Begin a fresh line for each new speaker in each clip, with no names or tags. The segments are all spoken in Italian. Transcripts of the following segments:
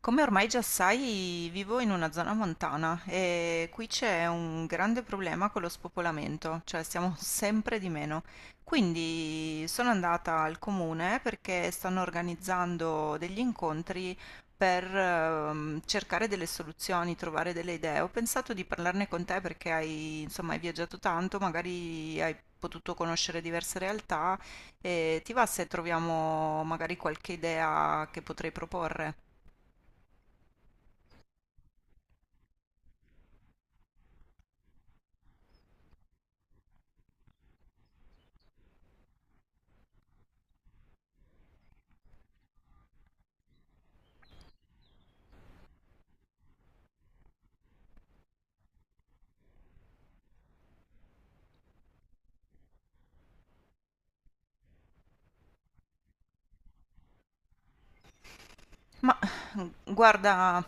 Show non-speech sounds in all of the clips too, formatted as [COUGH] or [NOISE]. Come ormai già sai, vivo in una zona montana e qui c'è un grande problema con lo spopolamento, cioè siamo [LAUGHS] sempre di meno. Quindi sono andata al comune perché stanno organizzando degli incontri per cercare delle soluzioni, trovare delle idee. Ho pensato di parlarne con te perché hai, insomma, hai viaggiato tanto, magari hai potuto conoscere diverse realtà e ti va se troviamo magari qualche idea che potrei proporre? Ma guarda,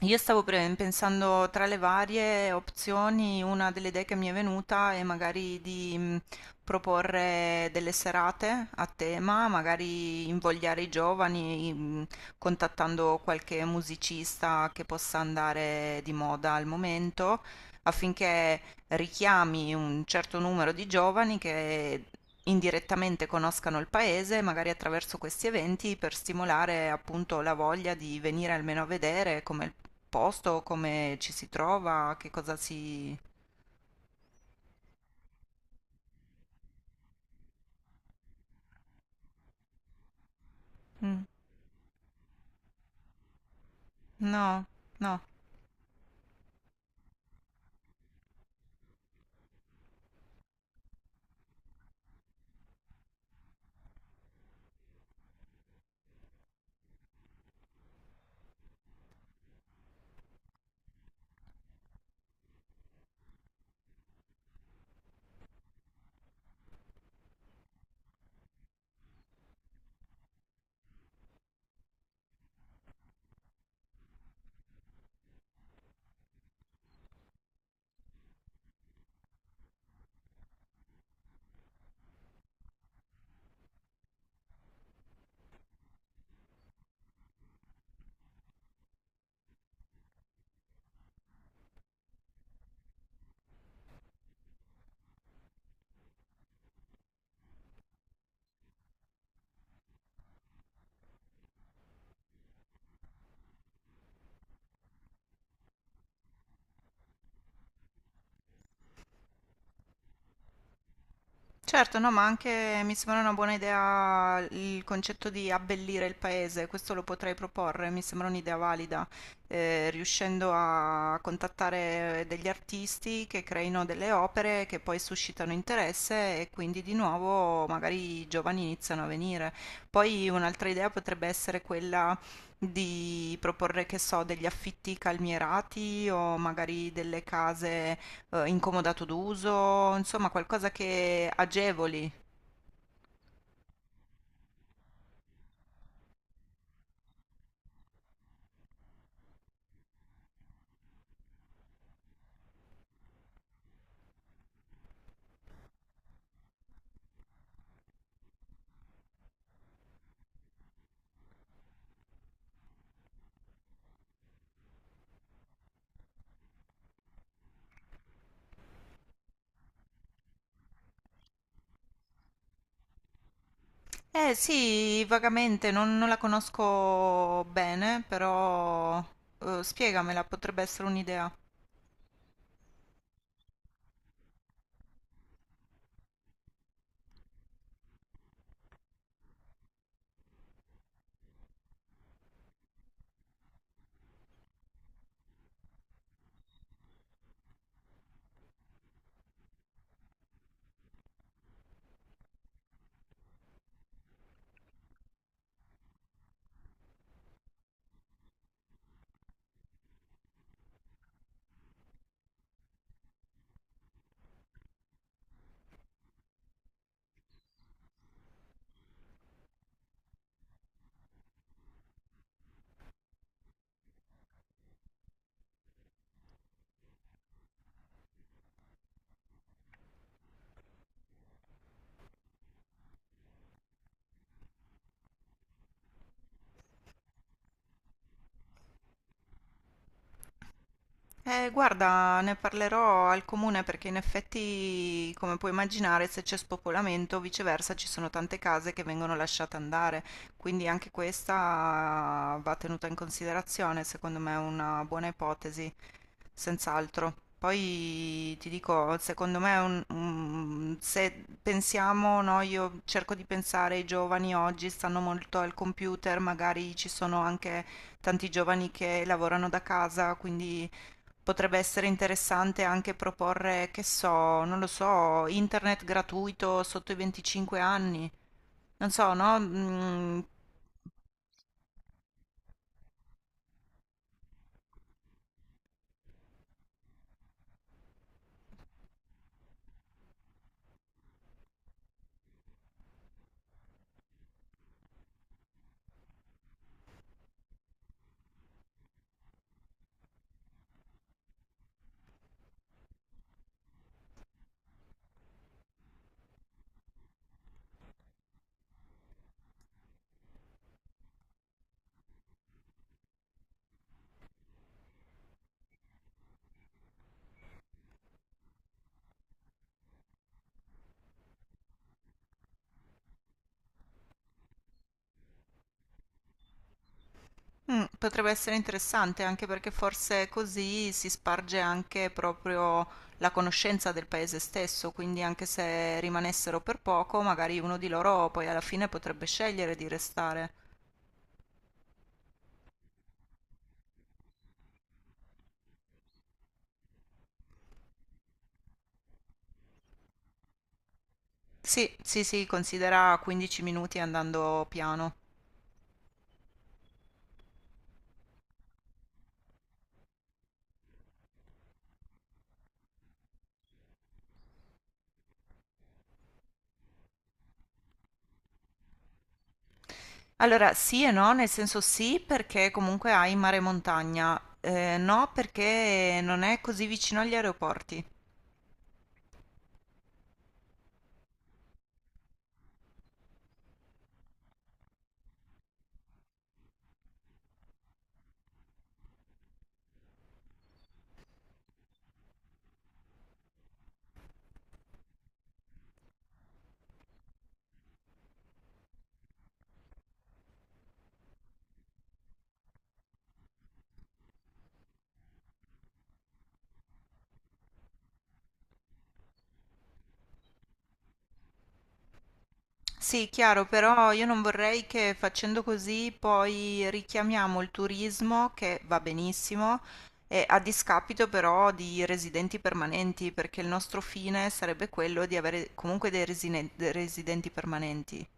io stavo pensando tra le varie opzioni, una delle idee che mi è venuta è magari di proporre delle serate a tema, magari invogliare i giovani, contattando qualche musicista che possa andare di moda al momento affinché richiami un certo numero di giovani che indirettamente conoscano il paese, magari attraverso questi eventi, per stimolare appunto la voglia di venire almeno a vedere come il posto, come ci si trova, che cosa si... Mm. No, no. Certo, no, ma anche mi sembra una buona idea il concetto di abbellire il paese, questo lo potrei proporre, mi sembra un'idea valida, riuscendo a contattare degli artisti che creino delle opere che poi suscitano interesse e quindi di nuovo magari i giovani iniziano a venire. Poi un'altra idea potrebbe essere quella di proporre, che so, degli affitti calmierati o magari delle case incomodato d'uso, insomma qualcosa che agevoli. Eh sì, vagamente, non la conosco bene, però spiegamela, potrebbe essere un'idea. Guarda, ne parlerò al comune perché in effetti, come puoi immaginare, se c'è spopolamento, viceversa, ci sono tante case che vengono lasciate andare, quindi anche questa va tenuta in considerazione, secondo me è una buona ipotesi, senz'altro. Poi ti dico, secondo me, è se pensiamo, no, io cerco di pensare, i giovani oggi stanno molto al computer, magari ci sono anche tanti giovani che lavorano da casa, quindi potrebbe essere interessante anche proporre, che so, non lo so, internet gratuito sotto i 25 anni. Non so, no? Potrebbe essere interessante anche perché forse così si sparge anche proprio la conoscenza del paese stesso, quindi anche se rimanessero per poco, magari uno di loro poi alla fine potrebbe scegliere di restare. Sì, sì, sì, considera 15 minuti andando piano. Allora, sì e no, nel senso sì perché comunque hai mare e montagna, no perché non è così vicino agli aeroporti. Sì, chiaro, però io non vorrei che facendo così poi richiamiamo il turismo, che va benissimo, a discapito però di residenti permanenti, perché il nostro fine sarebbe quello di avere comunque dei dei residenti permanenti.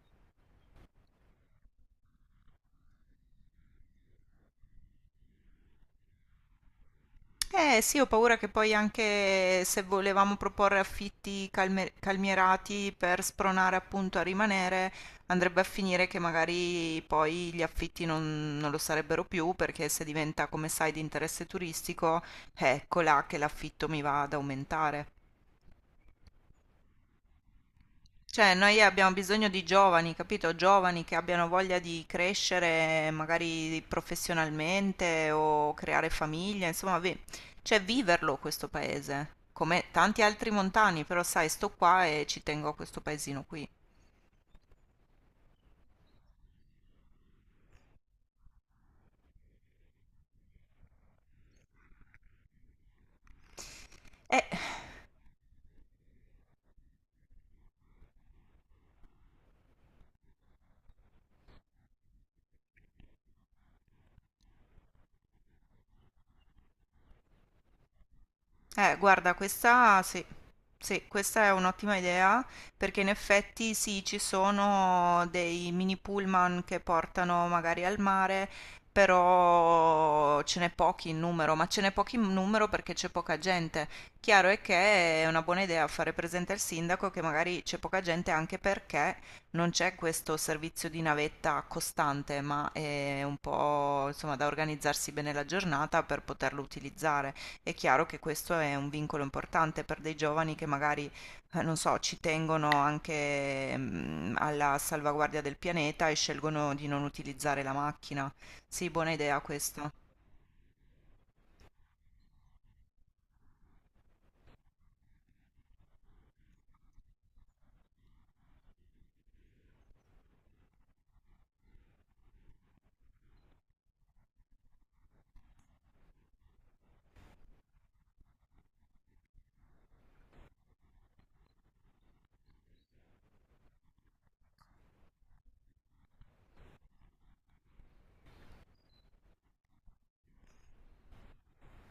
Eh sì, ho paura che poi anche se volevamo proporre affitti calmierati per spronare appunto a rimanere, andrebbe a finire che magari poi gli affitti non lo sarebbero più perché se diventa, come sai, di interesse turistico, ecco là che l'affitto mi va ad aumentare. Cioè, noi abbiamo bisogno di giovani, capito? Giovani che abbiano voglia di crescere magari professionalmente o creare famiglia, insomma, cioè viverlo questo paese, come tanti altri montani, però sai, sto qua e ci tengo a questo paesino qui. Eh, Eh, guarda, questa sì, sì, questa è un'ottima idea perché in effetti sì, ci sono dei mini pullman che portano magari al mare, però ce n'è pochi in numero, ma ce n'è pochi in numero perché c'è poca gente. Chiaro è che è una buona idea fare presente al sindaco che magari c'è poca gente anche perché non c'è questo servizio di navetta costante, ma è un po', insomma, da organizzarsi bene la giornata per poterlo utilizzare. È chiaro che questo è un vincolo importante per dei giovani che magari, non so, ci tengono anche alla salvaguardia del pianeta e scelgono di non utilizzare la macchina. Sì, buona idea questa.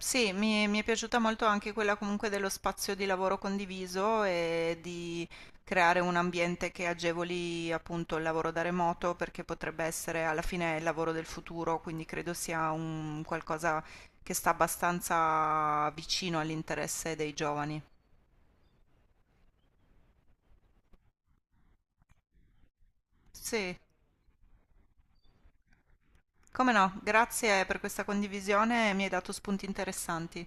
Sì, mi è piaciuta molto anche quella comunque dello spazio di lavoro condiviso e di creare un ambiente che agevoli appunto il lavoro da remoto perché potrebbe essere alla fine il lavoro del futuro, quindi credo sia un qualcosa che sta abbastanza vicino all'interesse dei giovani. Sì, come no, grazie per questa condivisione, mi hai dato spunti interessanti.